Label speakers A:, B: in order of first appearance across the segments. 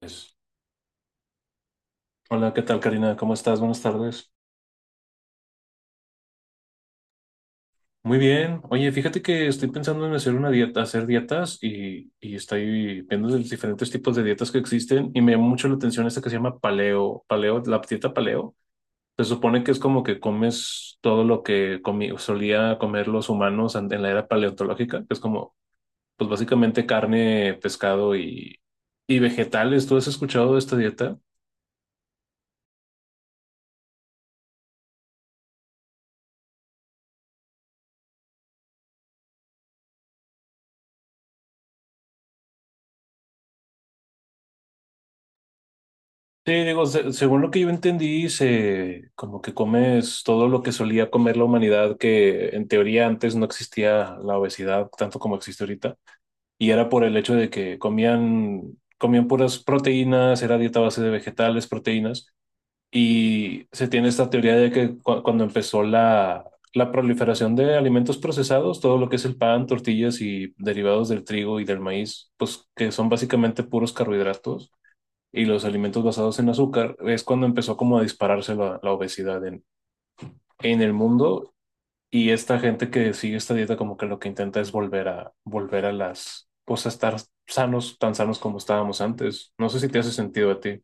A: Pues. Hola, ¿qué tal, Karina? ¿Cómo estás? Buenas tardes. Muy bien. Oye, fíjate que estoy pensando en hacer una dieta, hacer dietas y estoy viendo los diferentes tipos de dietas que existen y me llama mucho la atención esta que se llama paleo, la dieta paleo. Se supone que es como que comes todo lo que solía comer los humanos en la era paleontológica, que es como, pues básicamente carne, pescado y vegetales. ¿Tú has escuchado de esta dieta? Sí, digo, según lo que yo entendí, se como que comes todo lo que solía comer la humanidad, que en teoría antes no existía la obesidad tanto como existe ahorita, y era por el hecho de que comían puras proteínas, era dieta a base de vegetales, proteínas, y se tiene esta teoría de que cuando empezó la proliferación de alimentos procesados, todo lo que es el pan, tortillas y derivados del trigo y del maíz, pues que son básicamente puros carbohidratos y los alimentos basados en azúcar, es cuando empezó como a dispararse la obesidad en el mundo y esta gente que sigue esta dieta como que lo que intenta es volver a pues a estar sanos, tan sanos como estábamos antes. No sé si te hace sentido a ti.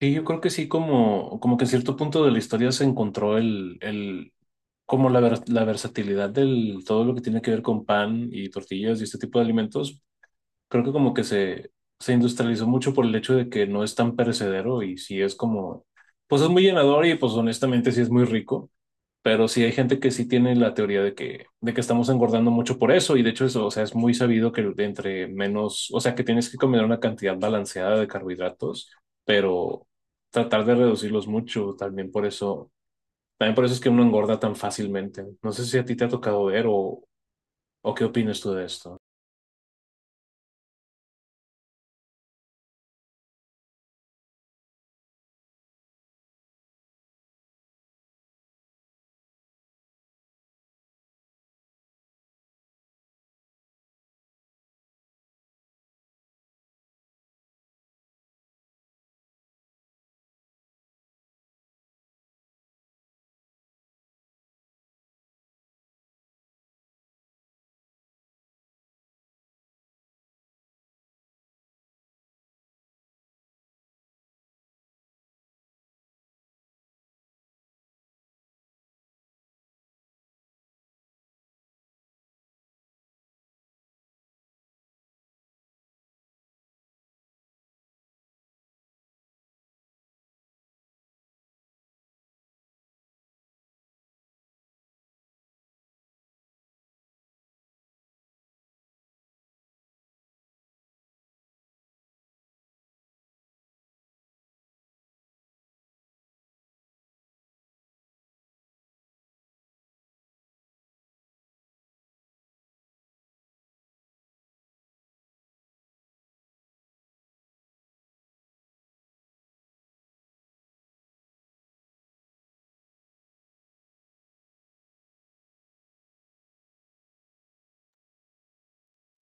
A: Y yo creo que sí, como, como que en cierto punto de la historia se encontró el, como la versatilidad del todo lo que tiene que ver con pan y tortillas y este tipo de alimentos, creo que como que se industrializó mucho por el hecho de que no es tan perecedero y sí es como, pues es muy llenador y pues honestamente sí es muy rico, pero sí hay gente que sí tiene la teoría de que estamos engordando mucho por eso y de hecho eso, o sea, es muy sabido que entre menos, o sea, que tienes que comer una cantidad balanceada de carbohidratos, pero tratar de reducirlos mucho también por eso es que uno engorda tan fácilmente. No sé si a ti te ha tocado ver o qué opinas tú de esto.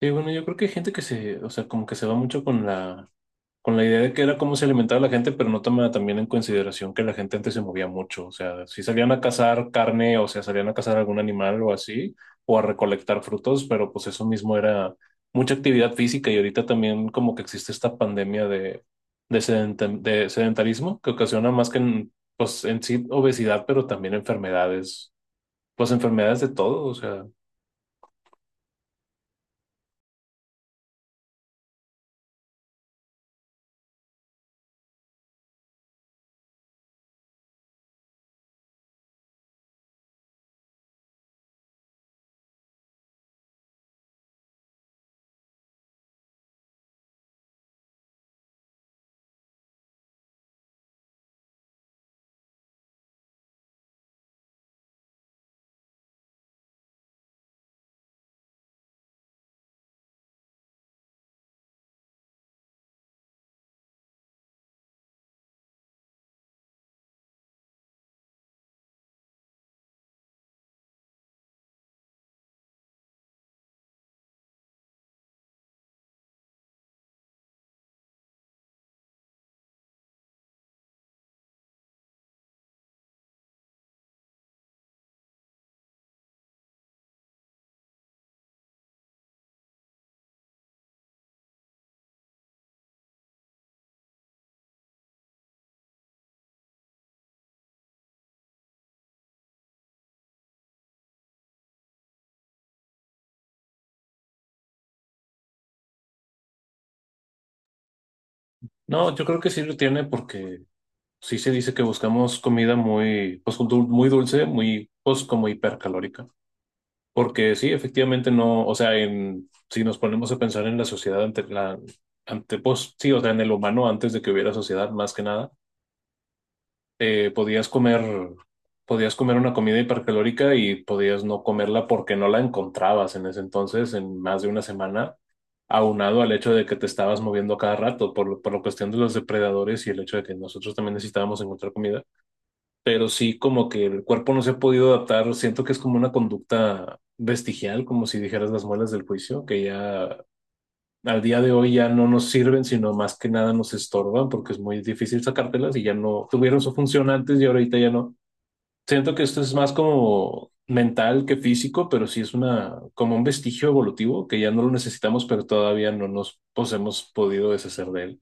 A: Sí, bueno, yo creo que hay gente que se, o sea, como que se va mucho con con la idea de que era cómo se alimentaba la gente, pero no toma también en consideración que la gente antes se movía mucho. O sea, si salían a cazar carne, o sea, salían a cazar algún animal o así, o a recolectar frutos, pero pues eso mismo era mucha actividad física y ahorita también como que existe esta pandemia de sedentarismo que ocasiona más que en, pues en sí obesidad, pero también enfermedades, pues enfermedades de todo, o sea. No, yo creo que sí lo tiene porque sí se dice que buscamos comida muy, pues, muy dulce, muy, pues, como hipercalórica. Porque sí, efectivamente no, o sea, en, si nos ponemos a pensar en la sociedad ante la, ante, pues, sí, o sea, en el humano antes de que hubiera sociedad, más que nada, eh, podías comer, podías comer una comida hipercalórica y podías no comerla porque no la encontrabas en ese entonces, en más de una semana, aunado al hecho de que te estabas moviendo cada rato por la cuestión de los depredadores y el hecho de que nosotros también necesitábamos encontrar comida, pero sí como que el cuerpo no se ha podido adaptar. Siento que es como una conducta vestigial, como si dijeras las muelas del juicio, que ya al día de hoy ya no nos sirven, sino más que nada nos estorban porque es muy difícil sacártelas y ya no tuvieron su función antes y ahorita ya no. Siento que esto es más como mental que físico, pero sí es una como un vestigio evolutivo que ya no lo necesitamos, pero todavía no nos pues, hemos podido deshacer de él.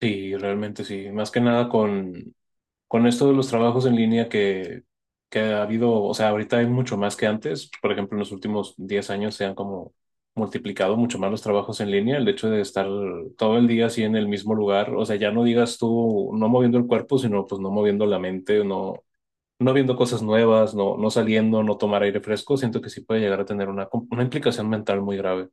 A: Sí, realmente sí. Más que nada con esto de los trabajos en línea que ha habido, o sea, ahorita hay mucho más que antes. Por ejemplo, en los últimos 10 años se han como multiplicado mucho más los trabajos en línea. El hecho de estar todo el día así en el mismo lugar, o sea, ya no digas tú no moviendo el cuerpo, sino pues no moviendo la mente, no, no viendo cosas nuevas, no, no saliendo, no tomar aire fresco. Siento que sí puede llegar a tener una implicación mental muy grave.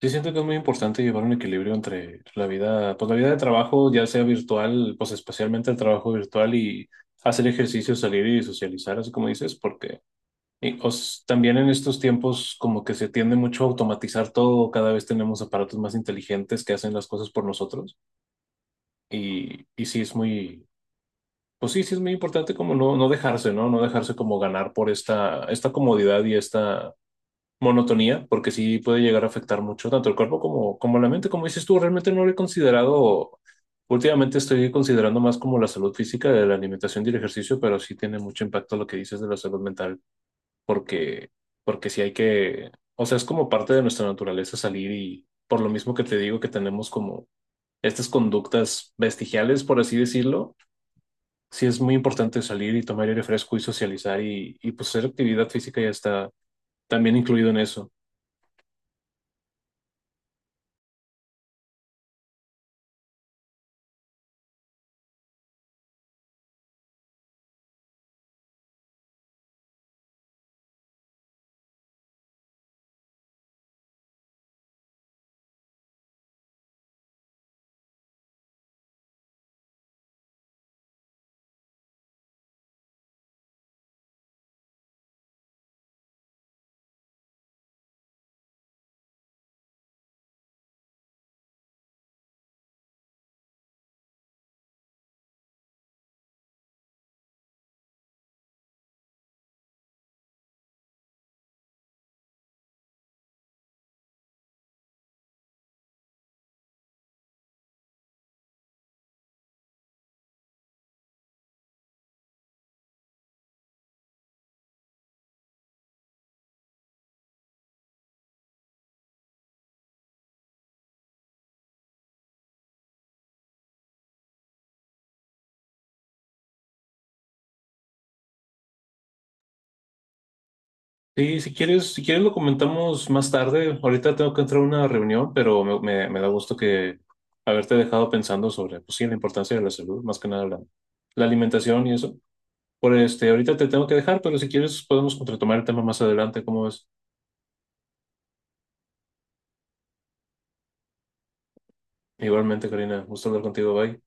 A: Sí, siento que es muy importante llevar un equilibrio entre la vida, pues la vida de trabajo, ya sea virtual, pues especialmente el trabajo virtual y hacer ejercicio, salir y socializar, así como dices, porque también en estos tiempos como que se tiende mucho a automatizar todo, cada vez tenemos aparatos más inteligentes que hacen las cosas por nosotros y sí es muy, pues sí, sí es muy importante como no, no dejarse, ¿no? No dejarse como ganar por esta comodidad y esta monotonía, porque sí puede llegar a afectar mucho tanto el cuerpo como la mente. Como dices tú, realmente no lo he considerado, últimamente estoy considerando más como la salud física de la alimentación y el ejercicio, pero sí tiene mucho impacto lo que dices de la salud mental, porque, porque sí hay que, o sea, es como parte de nuestra naturaleza salir y por lo mismo que te digo que tenemos como estas conductas vestigiales, por así decirlo, sí es muy importante salir y tomar aire fresco y socializar y pues hacer actividad física ya está también incluido en eso. Sí, si quieres lo comentamos más tarde. Ahorita tengo que entrar a una reunión, pero me da gusto que haberte dejado pensando sobre, pues sí, la importancia de la salud, más que nada la alimentación y eso. Por este, ahorita te tengo que dejar, pero si quieres podemos retomar el tema más adelante, ¿cómo ves? Igualmente, Karina, gusto hablar contigo, bye.